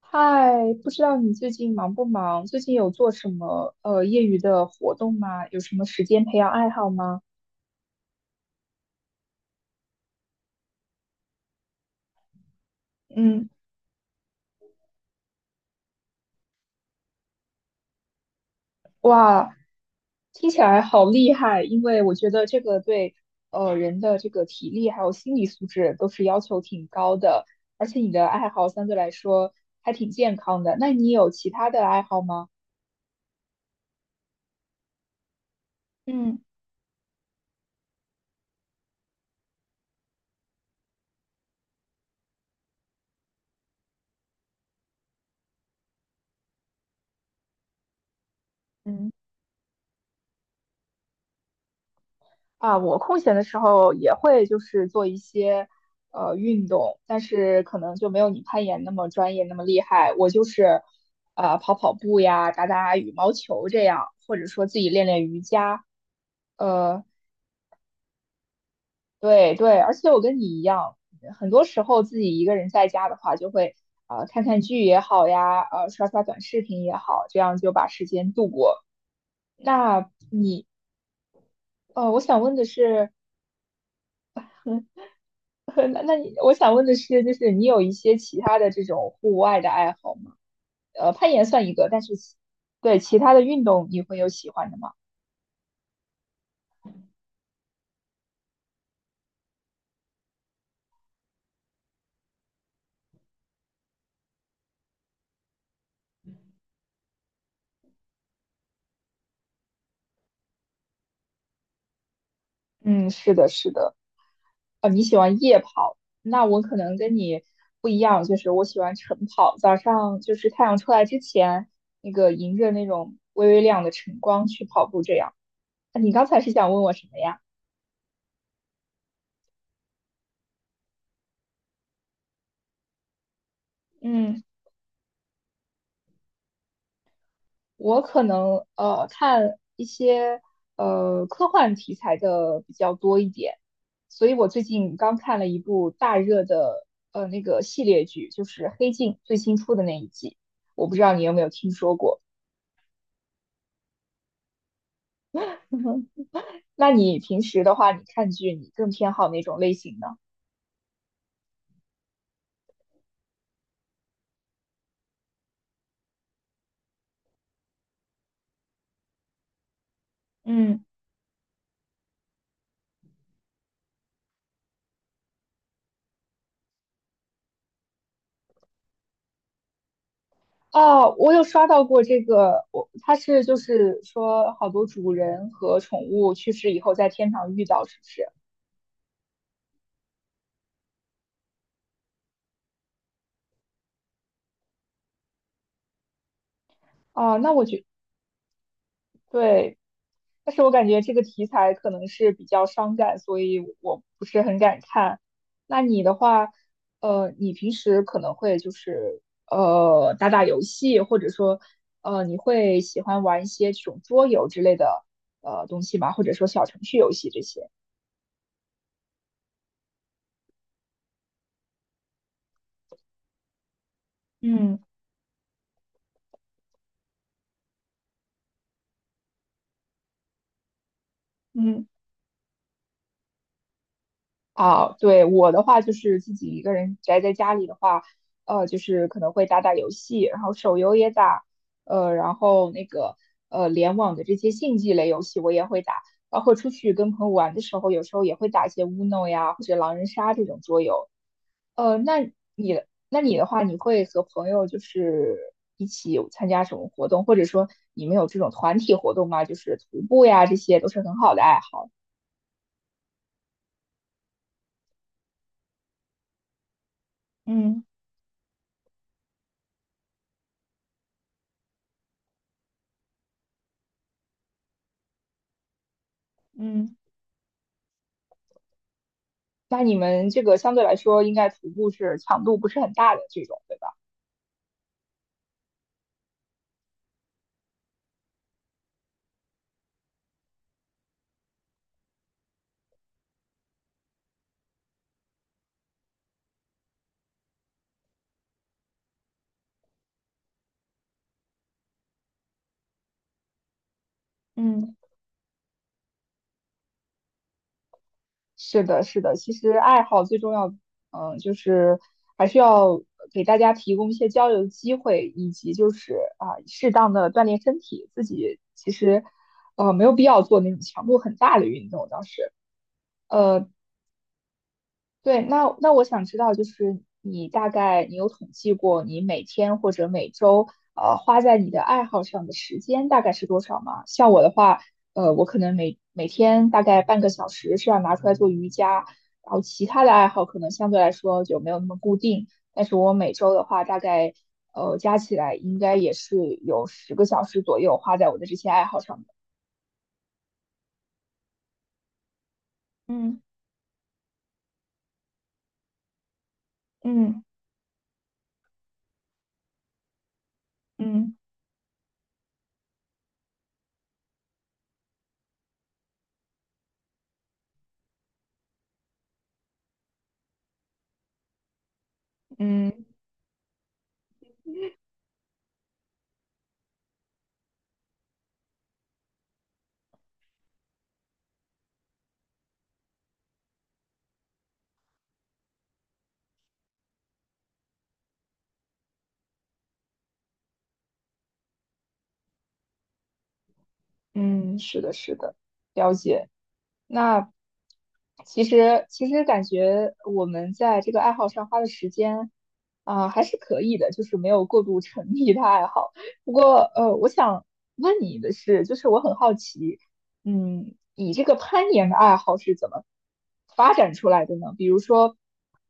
嗨，不知道你最近忙不忙？最近有做什么业余的活动吗？有什么时间培养爱好吗？嗯，哇，听起来好厉害，因为我觉得这个对人的这个体力还有心理素质都是要求挺高的，而且你的爱好相对来说还挺健康的。那你有其他的爱好吗？嗯。嗯。啊，我空闲的时候也会就是做一些运动，但是可能就没有你攀岩那么专业那么厉害。我就是跑跑步呀，打打羽毛球这样，或者说自己练练瑜伽。呃，对对，而且我跟你一样，很多时候自己一个人在家的话，就会看看剧也好呀，刷刷短视频也好，这样就把时间度过。那你我想问的是，那我想问的是，就是你有一些其他的这种户外的爱好吗？呃，攀岩算一个，但是其对其他的运动你会有喜欢的吗？嗯，是的，是的。哦，你喜欢夜跑，那我可能跟你不一样，就是我喜欢晨跑，早上就是太阳出来之前，那个迎着那种微微亮的晨光去跑步这样。那你刚才是想问我什么呀？嗯。我可能看一些科幻题材的比较多一点，所以我最近刚看了一部大热的那个系列剧，就是《黑镜》最新出的那一季，我不知道你有没有听说过。那你平时的话，你看剧你更偏好哪种类型呢？嗯。哦，我有刷到过这个，我它是就是说好多主人和宠物去世以后在天堂遇到，是不是？哦，那我觉对，但是我感觉这个题材可能是比较伤感，所以我不是很敢看。那你的话，你平时可能会就是打打游戏，或者说你会喜欢玩一些这种桌游之类的东西吗？或者说小程序游戏这些？嗯。嗯，啊，对，我的话就是自己一个人宅在家里的话，就是可能会打打游戏，然后手游也打，然后那个联网的这些竞技类游戏我也会打，包括出去跟朋友玩的时候，有时候也会打一些 Uno 呀或者狼人杀这种桌游。那你的那你的话，你会和朋友就是一起有参加什么活动，或者说你们有这种团体活动吗？就是徒步呀，这些都是很好的爱好。嗯嗯。那你们这个相对来说，应该徒步是强度不是很大的这种，对吧？嗯，是的，是的。其实爱好最重要，嗯，就是还是要给大家提供一些交流的机会，以及就是啊，适当的锻炼身体。自己其实没有必要做那种强度很大的运动，呃，对，那那我想知道，就是你大概你有统计过你每天或者每周花在你的爱好上的时间大概是多少吗？像我的话，我可能每天大概半个小时是要拿出来做瑜伽，然后其他的爱好可能相对来说就没有那么固定，但是我每周的话大概加起来应该也是有十个小时左右花在我的这些爱好上的。嗯嗯嗯嗯。嗯，是的，是的，了解。那其实感觉我们在这个爱好上花的时间啊，还是可以的，就是没有过度沉迷的爱好。不过我想问你的是，就是我很好奇，嗯，你这个攀岩的爱好是怎么发展出来的呢？比如说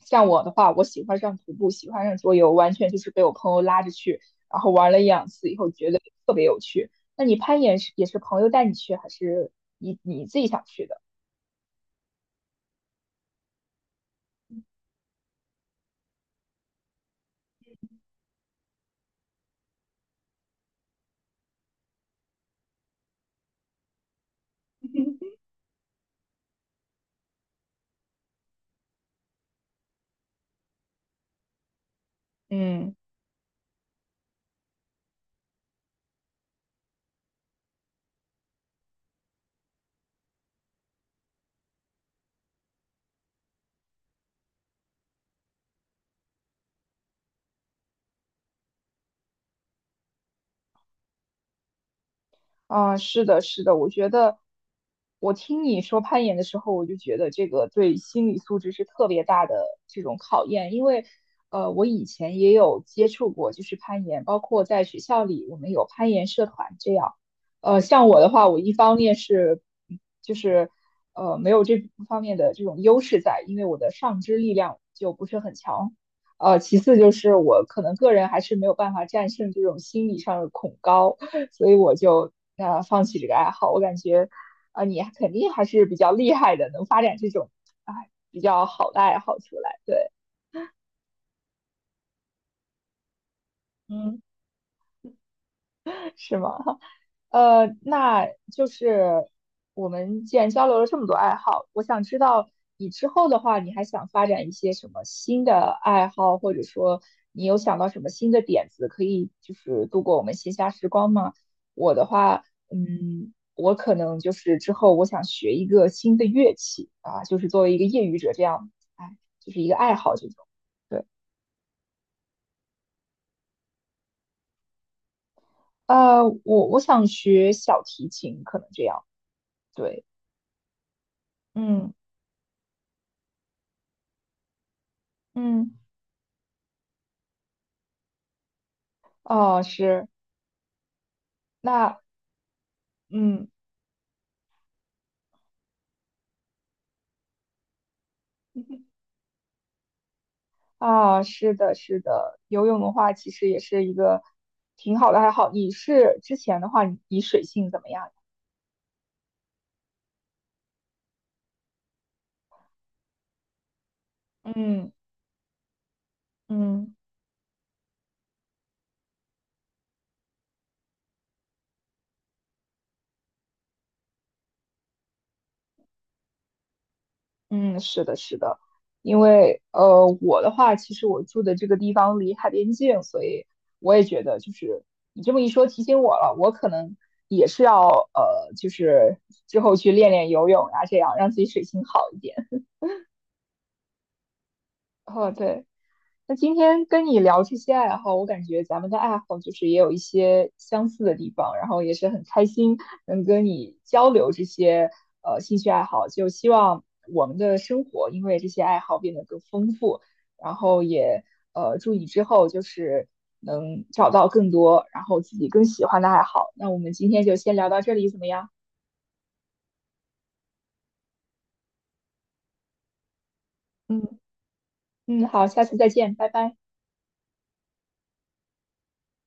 像我的话，我喜欢上徒步，喜欢上桌游，完全就是被我朋友拉着去，然后玩了一两次以后觉得特别有趣。那你攀岩是也是朋友带你去，还是你自己想去的？嗯。啊，是的，是的，我觉得我听你说攀岩的时候，我就觉得这个对心理素质是特别大的这种考验，因为我以前也有接触过，就是攀岩，包括在学校里我们有攀岩社团这样。像我的话，我一方面是就是没有这方面的这种优势在，因为我的上肢力量就不是很强。其次就是我可能个人还是没有办法战胜这种心理上的恐高。所以我就放弃这个爱好。我感觉你肯定还是比较厉害的，能发展这种啊比较好的爱好出来。对，嗯，是吗？那就是我们既然交流了这么多爱好，我想知道你之后的话，你还想发展一些什么新的爱好，或者说你有想到什么新的点子，可以就是度过我们闲暇时光吗？我的话，嗯，我可能就是之后我想学一个新的乐器啊，就是作为一个业余者这样，哎，就是一个爱好这种。对，我想学小提琴，可能这样。对，嗯。嗯。哦，是，那嗯，啊，是的，是的，游泳的话其实也是一个挺好的爱好。你是之前的话，你水性怎么样？嗯嗯。嗯，是的，是的，因为我的话，其实我住的这个地方离海边近，所以我也觉得就是你这么一说提醒我了，我可能也是要就是之后去练练游泳啊，这样让自己水性好一点。哦，对。那今天跟你聊这些爱好，我感觉咱们的爱好就是也有一些相似的地方，然后也是很开心能跟你交流这些兴趣爱好，就希望我们的生活因为这些爱好变得更丰富，然后也祝你之后就是能找到更多，然后自己更喜欢的爱好。那我们今天就先聊到这里，怎么样？嗯。嗯，好，下次再见，拜拜。